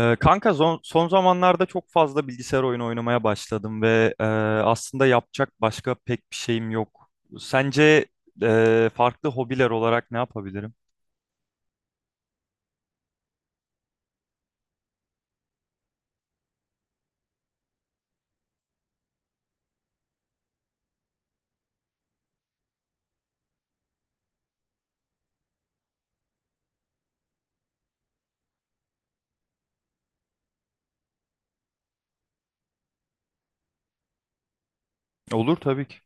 Kanka son zamanlarda çok fazla bilgisayar oyunu oynamaya başladım ve aslında yapacak başka pek bir şeyim yok. Sence farklı hobiler olarak ne yapabilirim? Olur tabii ki.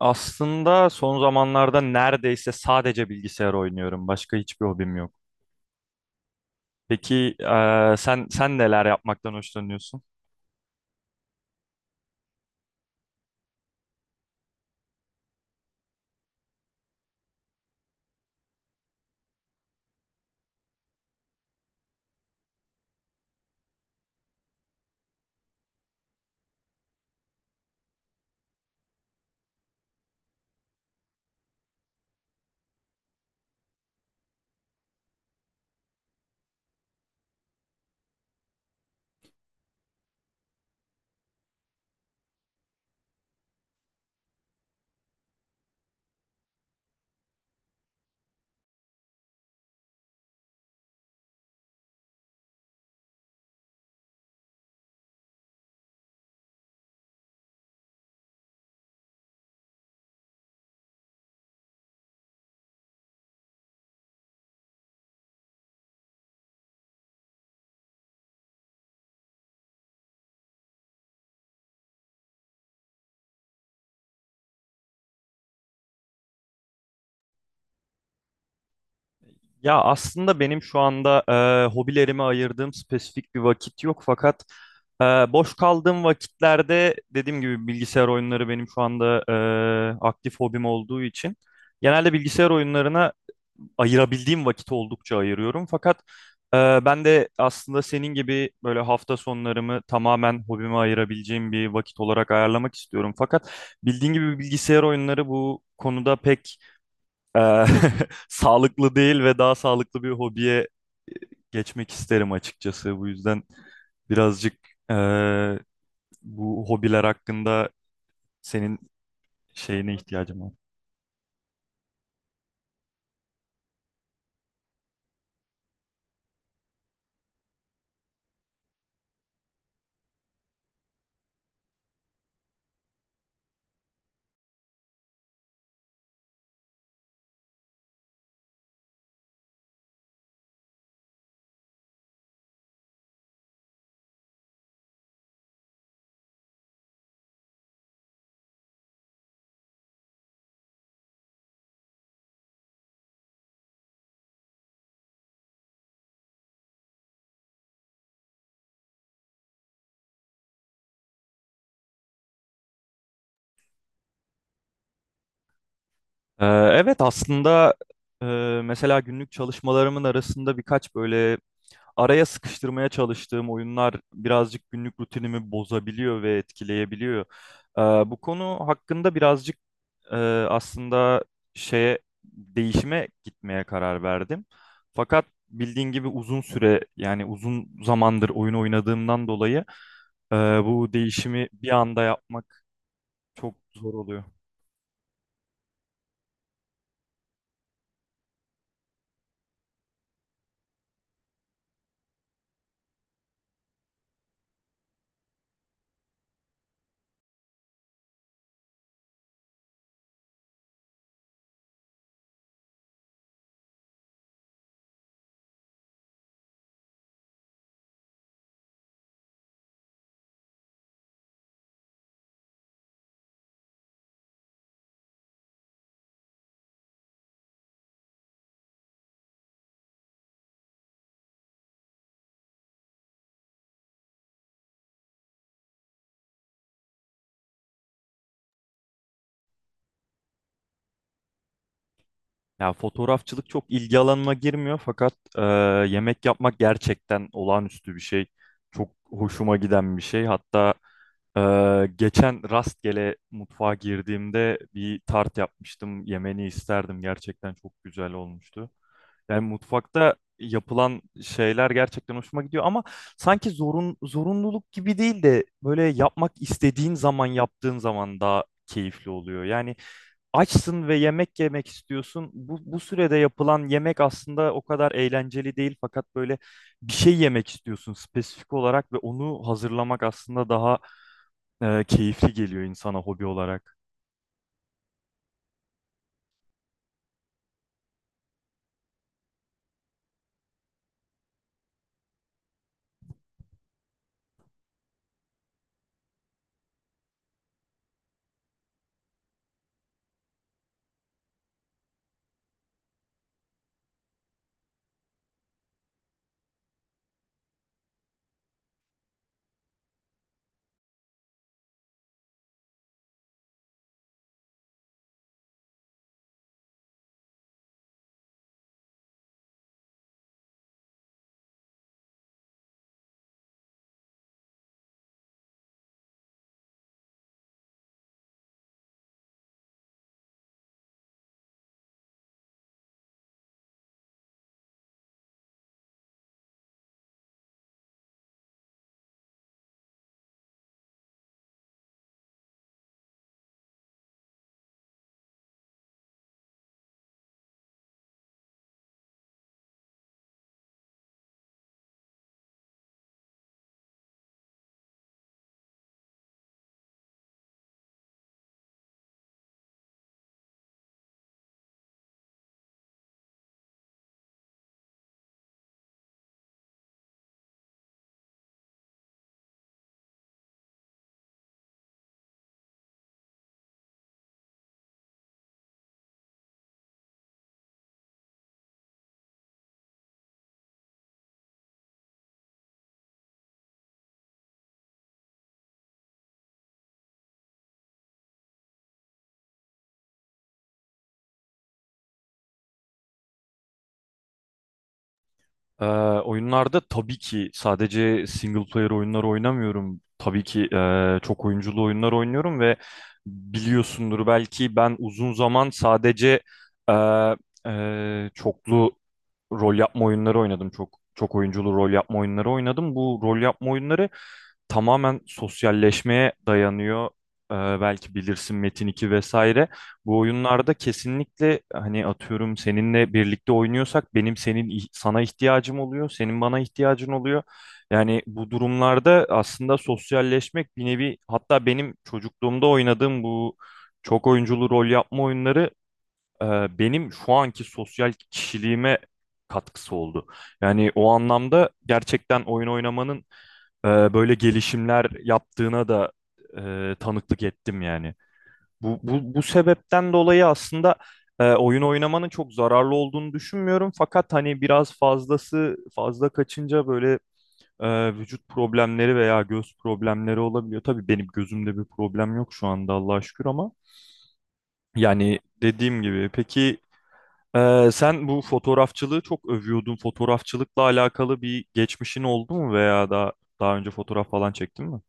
Aslında son zamanlarda neredeyse sadece bilgisayar oynuyorum. Başka hiçbir hobim yok. Peki sen neler yapmaktan hoşlanıyorsun? Ya aslında benim şu anda hobilerime ayırdığım spesifik bir vakit yok, fakat boş kaldığım vakitlerde dediğim gibi bilgisayar oyunları benim şu anda aktif hobim olduğu için genelde bilgisayar oyunlarına ayırabildiğim vakit oldukça ayırıyorum. Fakat ben de aslında senin gibi böyle hafta sonlarımı tamamen hobime ayırabileceğim bir vakit olarak ayarlamak istiyorum. Fakat bildiğin gibi bilgisayar oyunları bu konuda pek Eee, sağlıklı değil ve daha sağlıklı bir hobiye geçmek isterim açıkçası. Bu yüzden birazcık eee, bu hobiler hakkında senin şeyine ihtiyacım var. Eee, evet aslında mesela günlük çalışmalarımın arasında birkaç böyle araya sıkıştırmaya çalıştığım oyunlar birazcık günlük rutinimi bozabiliyor ve etkileyebiliyor. Bu konu hakkında birazcık e, aslında şeye değişime gitmeye karar verdim. Fakat bildiğin gibi uzun süre yani uzun zamandır oyun oynadığımdan dolayı e, bu değişimi bir anda yapmak çok zor oluyor. Ya fotoğrafçılık çok ilgi alanıma girmiyor fakat yemek yapmak gerçekten olağanüstü bir şey. Çok hoşuma giden bir şey. Hatta e, geçen rastgele mutfağa girdiğimde bir tart yapmıştım. Yemeni isterdim. Gerçekten çok güzel olmuştu. Yani mutfakta yapılan şeyler gerçekten hoşuma gidiyor ama sanki zorunluluk gibi değil de böyle yapmak istediğin zaman yaptığın zaman daha keyifli oluyor. Yani açsın ve yemek yemek istiyorsun. Bu sürede yapılan yemek aslında o kadar eğlenceli değil, fakat böyle bir şey yemek istiyorsun spesifik olarak ve onu hazırlamak aslında daha keyifli geliyor insana hobi olarak. Ee, oyunlarda tabii ki sadece single player oyunları oynamıyorum. Tabii ki çok oyunculu oyunlar oynuyorum ve biliyorsundur belki ben uzun zaman sadece e, çoklu rol yapma oyunları oynadım. Çok oyunculu rol yapma oyunları oynadım. Bu rol yapma oyunları tamamen sosyalleşmeye dayanıyor. Ee, belki bilirsin Metin 2 vesaire. Bu oyunlarda kesinlikle hani atıyorum seninle birlikte oynuyorsak benim sana ihtiyacım oluyor, senin bana ihtiyacın oluyor. Yani bu durumlarda aslında sosyalleşmek bir nevi, hatta benim çocukluğumda oynadığım bu çok oyunculu rol yapma oyunları e, benim şu anki sosyal kişiliğime katkısı oldu. Yani o anlamda gerçekten oyun oynamanın böyle gelişimler yaptığına da tanıklık ettim yani. Bu sebepten dolayı aslında oyun oynamanın çok zararlı olduğunu düşünmüyorum. Fakat hani biraz fazla kaçınca böyle vücut problemleri veya göz problemleri olabiliyor. Tabii benim gözümde bir problem yok şu anda Allah'a şükür, ama yani dediğim gibi, peki sen bu fotoğrafçılığı çok övüyordun. Fotoğrafçılıkla alakalı bir geçmişin oldu mu veya daha önce fotoğraf falan çektin mi?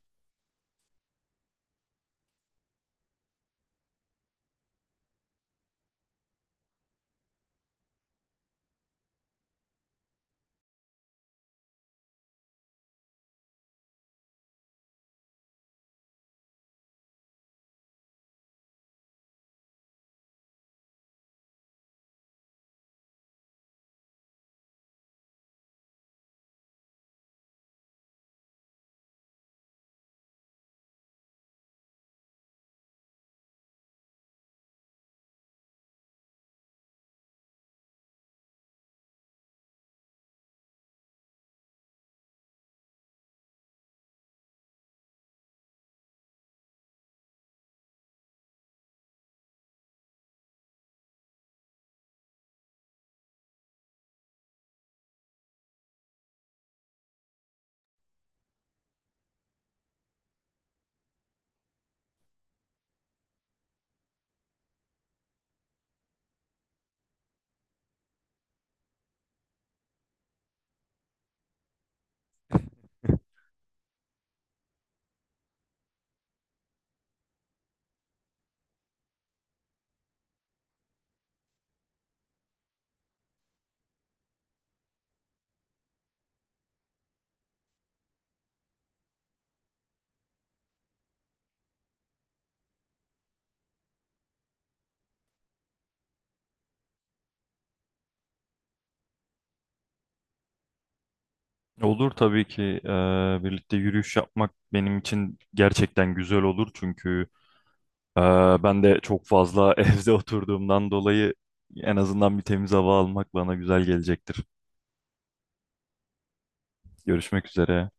Olur tabii ki, birlikte yürüyüş yapmak benim için gerçekten güzel olur çünkü ben de çok fazla evde oturduğumdan dolayı en azından bir temiz hava almak bana güzel gelecektir. Görüşmek üzere.